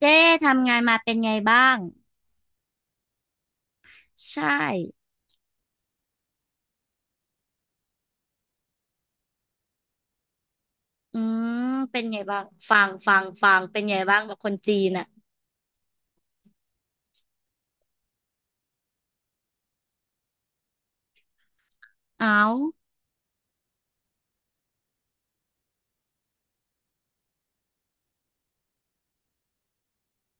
เจ๊ทำงานมาเป็นไงบ้างใช่อืมเป็นไงบ้างฟังเป็นไงบ้างแบบคนจีนอ่ะเอา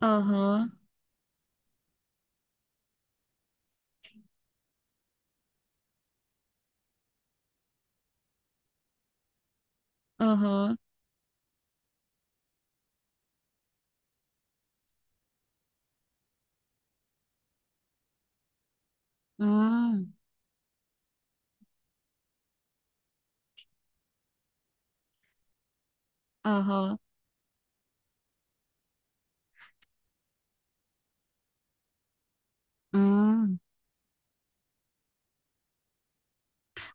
เออฮะเออฮะอืมเออฮะอืม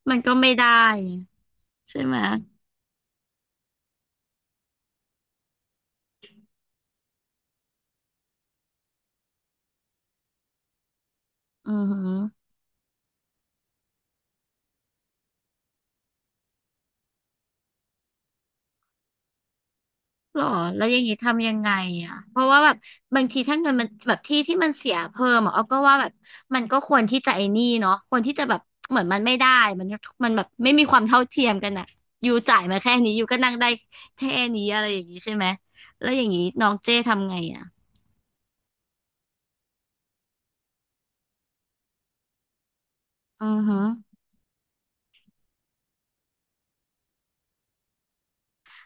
มันก็ไม่ได้ใช่ไหมอือฮะ หรอแล้วอย่างนี้ทำยังไงอ่ะเพราะว่าแบบบางทีถ้าเงินมันแบบที่มันเสียเพิ่มอ่ะเอาก็ว่าแบบมันก็ควรที่จะไอ้นี่เนาะควรที่จะแบบเหมือนมันไม่ได้มันมันแบบไม่มีความเท่าเทียมกันอ่ะอยู่จ่ายมาแค่นี้อยู่ก็นั่งได้แค่นี้อะไรอย่างนี้ใช่ไหมแล้วอย่างนี้น้องเจ้ทำไงอ่ะอือฮึ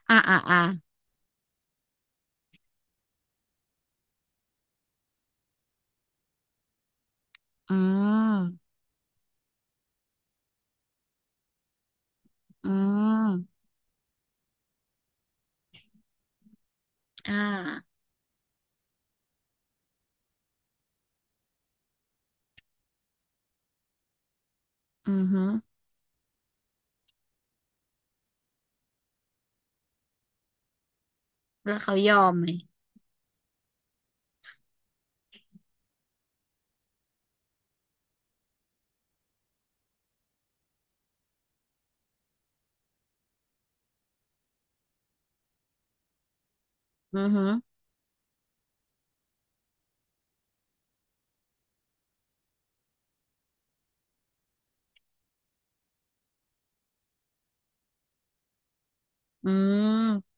อ่าอ่าอ่าอืมอืมอ่าอือฮึแล้วเขายอมไหมอือฮึอืม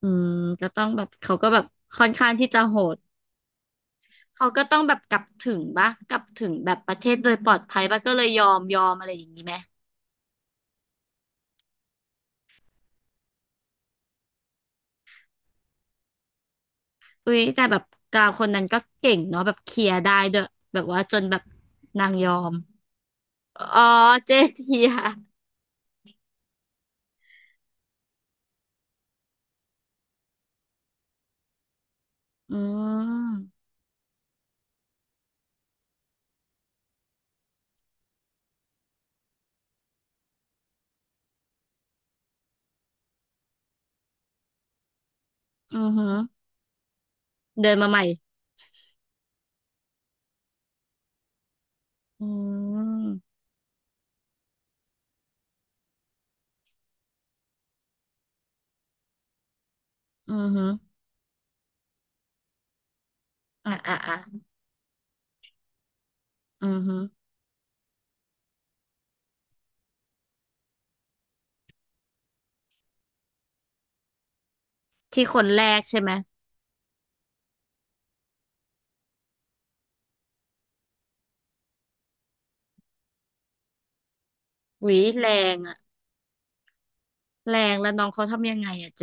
อืมก็ต้องแบบเขาก็แบบค่อนข้างที่จะโหด เขาก็ต้องแบบกลับถึงปะกลับถึงแบบประเทศโดยปลอดภัยปะก็เลยยอมอะไรอย่างนี้ไหม อุ้ยแต่แบบกาวคนนั้นก็เก่งเนาะแบบเคลียร์ได้ด้วยแบบว่าจนแบบนางยอมอ๋อเจเทียอืมอือหือเดินมาใหม่อืมอือหืออ่ะอ่ะอ่ะอือหือที่คนแรกใช่ไหมหวีแรงอะแรงแล้วน้องเขาทำยังไงอะเจ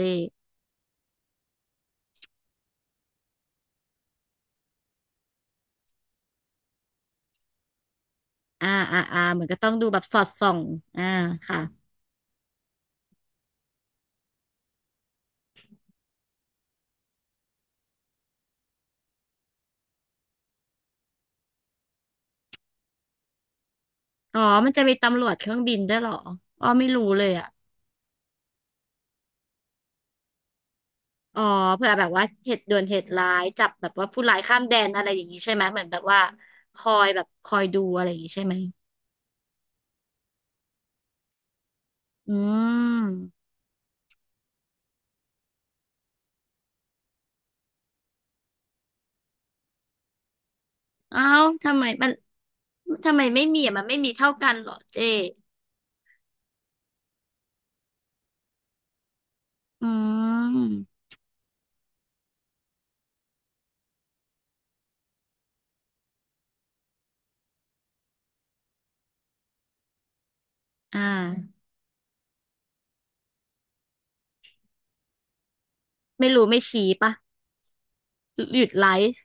อ่าอ่าอ่าเหมือนก็ต้องดูแบบสอดส่องอ่าค่ะ อ๋อมันจะมีตำรวจเครื่องบินด้วยเหรออ๋อไม่รู้เลยอ่ะอ๋อเผื่อแบบว่าเหตุด่วนเหตุร้ายจับแบบว่าผู้ร้ายข้ามแดนอะไรอย่างนี้ใช่ไหมเหมือนแบบว่าคอยแบบคอยดูอะไรอย่างนี้ใช่ไหมอืมเอ้าทำไมมันทำไมไม่มีอ่ะมันไม่มีเท่ากันเหรอเจ๊อืมอ่าไม่รู้ไม่ชี้ปะหยุดไลฟ์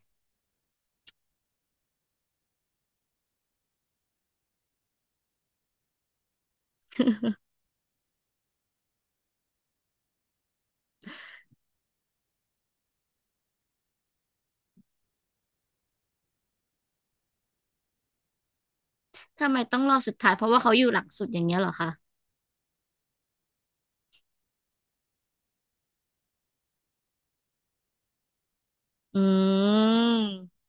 ทำไมต้องรอสุดท้ายเพราะว่าเขาอยู่หลังสุดอย่างเงี้ยเหรอคะอืม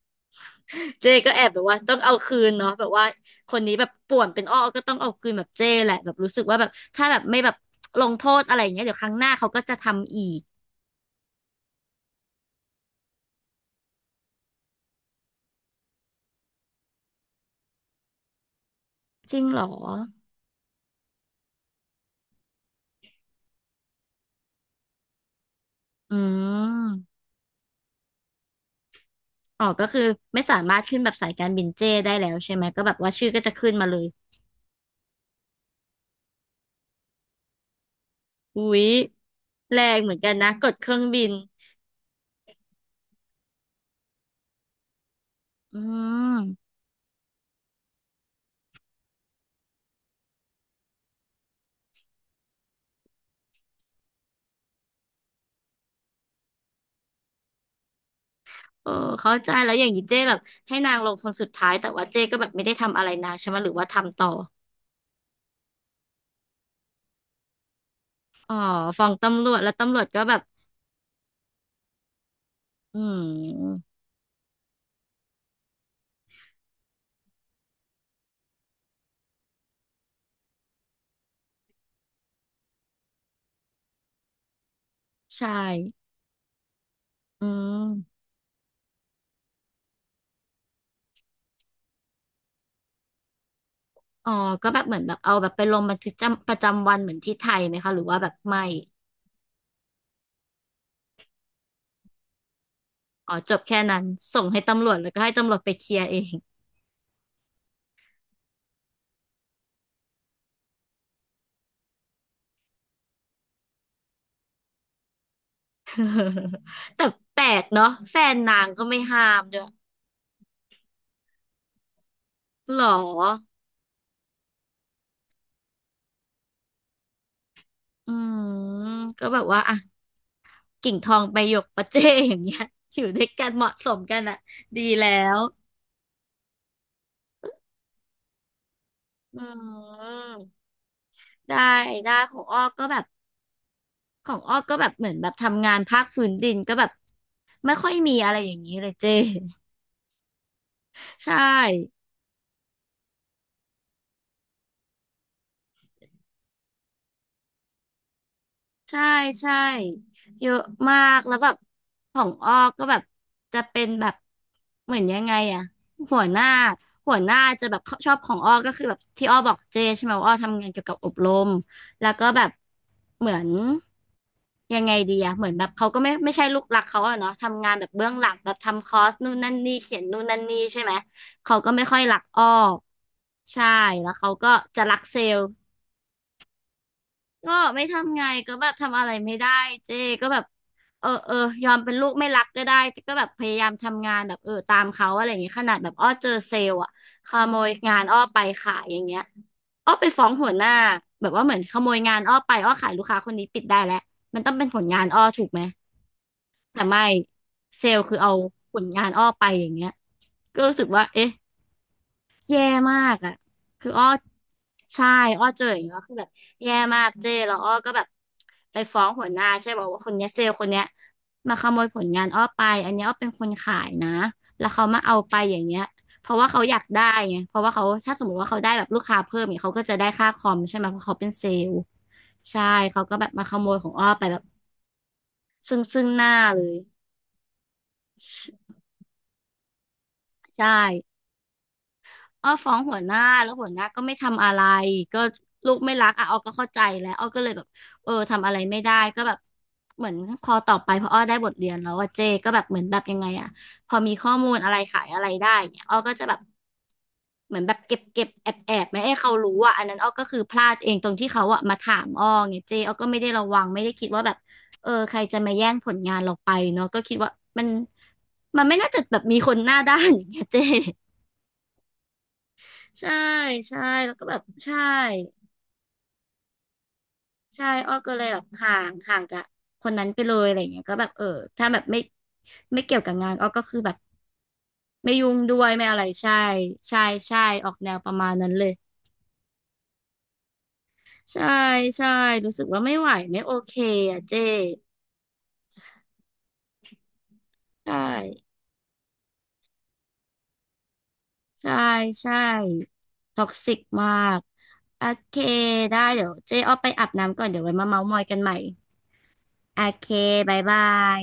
เจ้ก็แอบแบบว่าต้องเอาคืนเนาะแบบว่าคนนี้แบบป่วนเป็นอ้อก็ต้องเอาคืนแบบเจ้แหละแบบรู้สึกว่าแบบถ้าแบบไม่แบบลงโทษอะไรอย่างเงี้ยเดี๋ยวครั้งหน้าเขาก็จะทำอีกจริงเหรออืมอ๋อก็คือไม่สามารถขึ้นแบบสายการบินเจ้ได้แล้วใช่ไหมก็แบบว่าชื่อก็จะขึ้นมาเลยอุ๊ยแรงเหมือนกันนะกดเครื่องบินอืมเออเข้าใจแล้วอย่างนี้เจ้แบบให้นางลงคนสุดท้ายแต่ว่าเจ้ก็แบบไม่ได้ทำอะไรนางใช่ไหมหรือว่าทำต่ออ๋อฟ้องตำรวจแล้วตำรวจก็แบบ อืมใช่อืมอ๋อก็แบบเหมือนแบบเอาแบบไปลงบันทึกจำประจำวันเหมือนที่ไทยไหมคะหรือว่าแบบไม่อ๋อจบแค่นั้นส่งให้ตำรวจแล้วก็ให้ตำรวจไปเคลียร์เอง แต่แปลกเนาะแฟนนางก็ไม่ห้ามด้วยหรออืมก็แบบว่าอ่ะกิ่งทองไปหยกประเจอย่างเงี้ย อยู่ด้วยกันเหมาะสมกันอะดีแล้วอืมได้ได้ของอ้อก็แบบ ของอ้อก็แบบเหมือนแบบทำงานภาคพื้นดินก็แบบไม่ค่อยมีอะไรอย่างนี้เลยเจ้ ใช่ ใช่ใช่เยอะมากแล้วแบบของอ้อก็แบบจะเป็นแบบเหมือนยังไงอะหัวหน้าหัวหน้าจะแบบชอบของอ้อก็คือแบบที่อ้อบอกเจใช่ไหมว่าอ้อทำงานเกี่ยวกับอบรมแล้วก็แบบเหมือนยังไงดีอะเหมือนแบบเขาก็ไม่ใช่ลูกรักเขาอะเนาะทำงานแบบเบื้องหลังแบบทำคอร์สนู่นนั่นนี่เขียนนู่นนั่นนี่ใช่ไหมเขาก็ไม่ค่อยรักอ้อใช่แล้วเขาก็จะรักเซลล์ ก็ไม่ทำไงก็แบบทำอะไรไม่ได้เจ๊ก็แบบเออยอมเป็นลูกไม่รักก็ได้แต่ก็แบบพยายามทำงานแบบเออตามเขาอะไรอย่างเงี้ยขนาดแบบอ้อเจอเซลล์อะขโมยงานอ้อไปขายอย่างเงี้ยอ้อไปฟ้องหัวหน้าแบบว่าเหมือนขโมยงานอ้อไปอ้อขายลูกค้าคนนี้ปิดได้แล้วมันต้องเป็นผลงานอ้อถูกไหมแต่ไม่เซลล์คือเอาผลงานอ้อไปอย่างเงี้ยก็รู้สึกว่าเอ๊ะ แย่มากอ่ะคืออ้อใช่อ้อเจออย่างเงี้ยคือแบบแย่มากเจ้แล้วอ้อก็แบบไปฟ้องหัวหน้าใช่บอกว่าคนเนี้ยเซลล์คนเนี้ยมาขโมยผลงานอ้อไปอันเนี้ยอ้อเป็นคนขายนะแล้วเขามาเอาไปอย่างเงี้ยเพราะว่าเขาอยากได้ไงเพราะว่าเขาถ้าสมมติว่าเขาได้แบบลูกค้าเพิ่มเนี่ยเขาก็จะได้ค่าคอมใช่ไหมเพราะเขาเป็นเซลล์ใช่เขาก็แบบมาขโมยของอ้อไปแบบซึ่งหน้าเลยใช่ อ้อฟ้องหัวหน้าแล้วหัวหน้าก็ไม่ทำอะไรก็ลูกไม่รักอ่ะอ้อก็เข้าใจแล้วอ้อก็เลยแบบเออทำอะไรไม่ได้ก็แบบเหมือนพอต่อไปพออ้อได้บทเรียนแล้วว่าเจก็แบบเหมือนแบบยังไงอ่ะพอมีข้อมูลอะไรขายอะไรได้เนี่ยอ้อก็จะแบบเหมือนแบบเก็บแอบไม่ให้เขารู้อ่ะอันนั้นอ้อก็คือพลาดเองตรงที่เขาอ่ะมาถามอ้อไงเจอ้อก็ไม่ได้ระวังไม่ได้คิดว่าแบบเออใครจะมาแย่งผลงานเราไปเนาะก็คิดว่ามันมันไม่น่าจะแบบมีคนหน้าด้านอย่างเงี้ยเจ ใช่ใช่แล้วก็แบบใช่ใช่อ้อก็เลยแบบห่างกับคนนั้นไปเลยอะไรอย่างเงี้ยก็แบบเออถ้าแบบไม่ไม่เกี่ยวกับงานอ้อก็คือแบบไม่ยุ่งด้วยไม่อะไรใช่ใช่ใช่ออกแนวประมาณนั้นเลยใช่ใช่รู้สึกว่าไม่ไหวไม่โอเคอ่ะเจ้ใช่ใช่ใช่ท็อกซิกมากโอเคได้เดี๋ยวเจ๊อ้อไปอาบน้ำก่อนเดี๋ยวไว้มาเม้าท์มอยกันใหม่โอเคบายบาย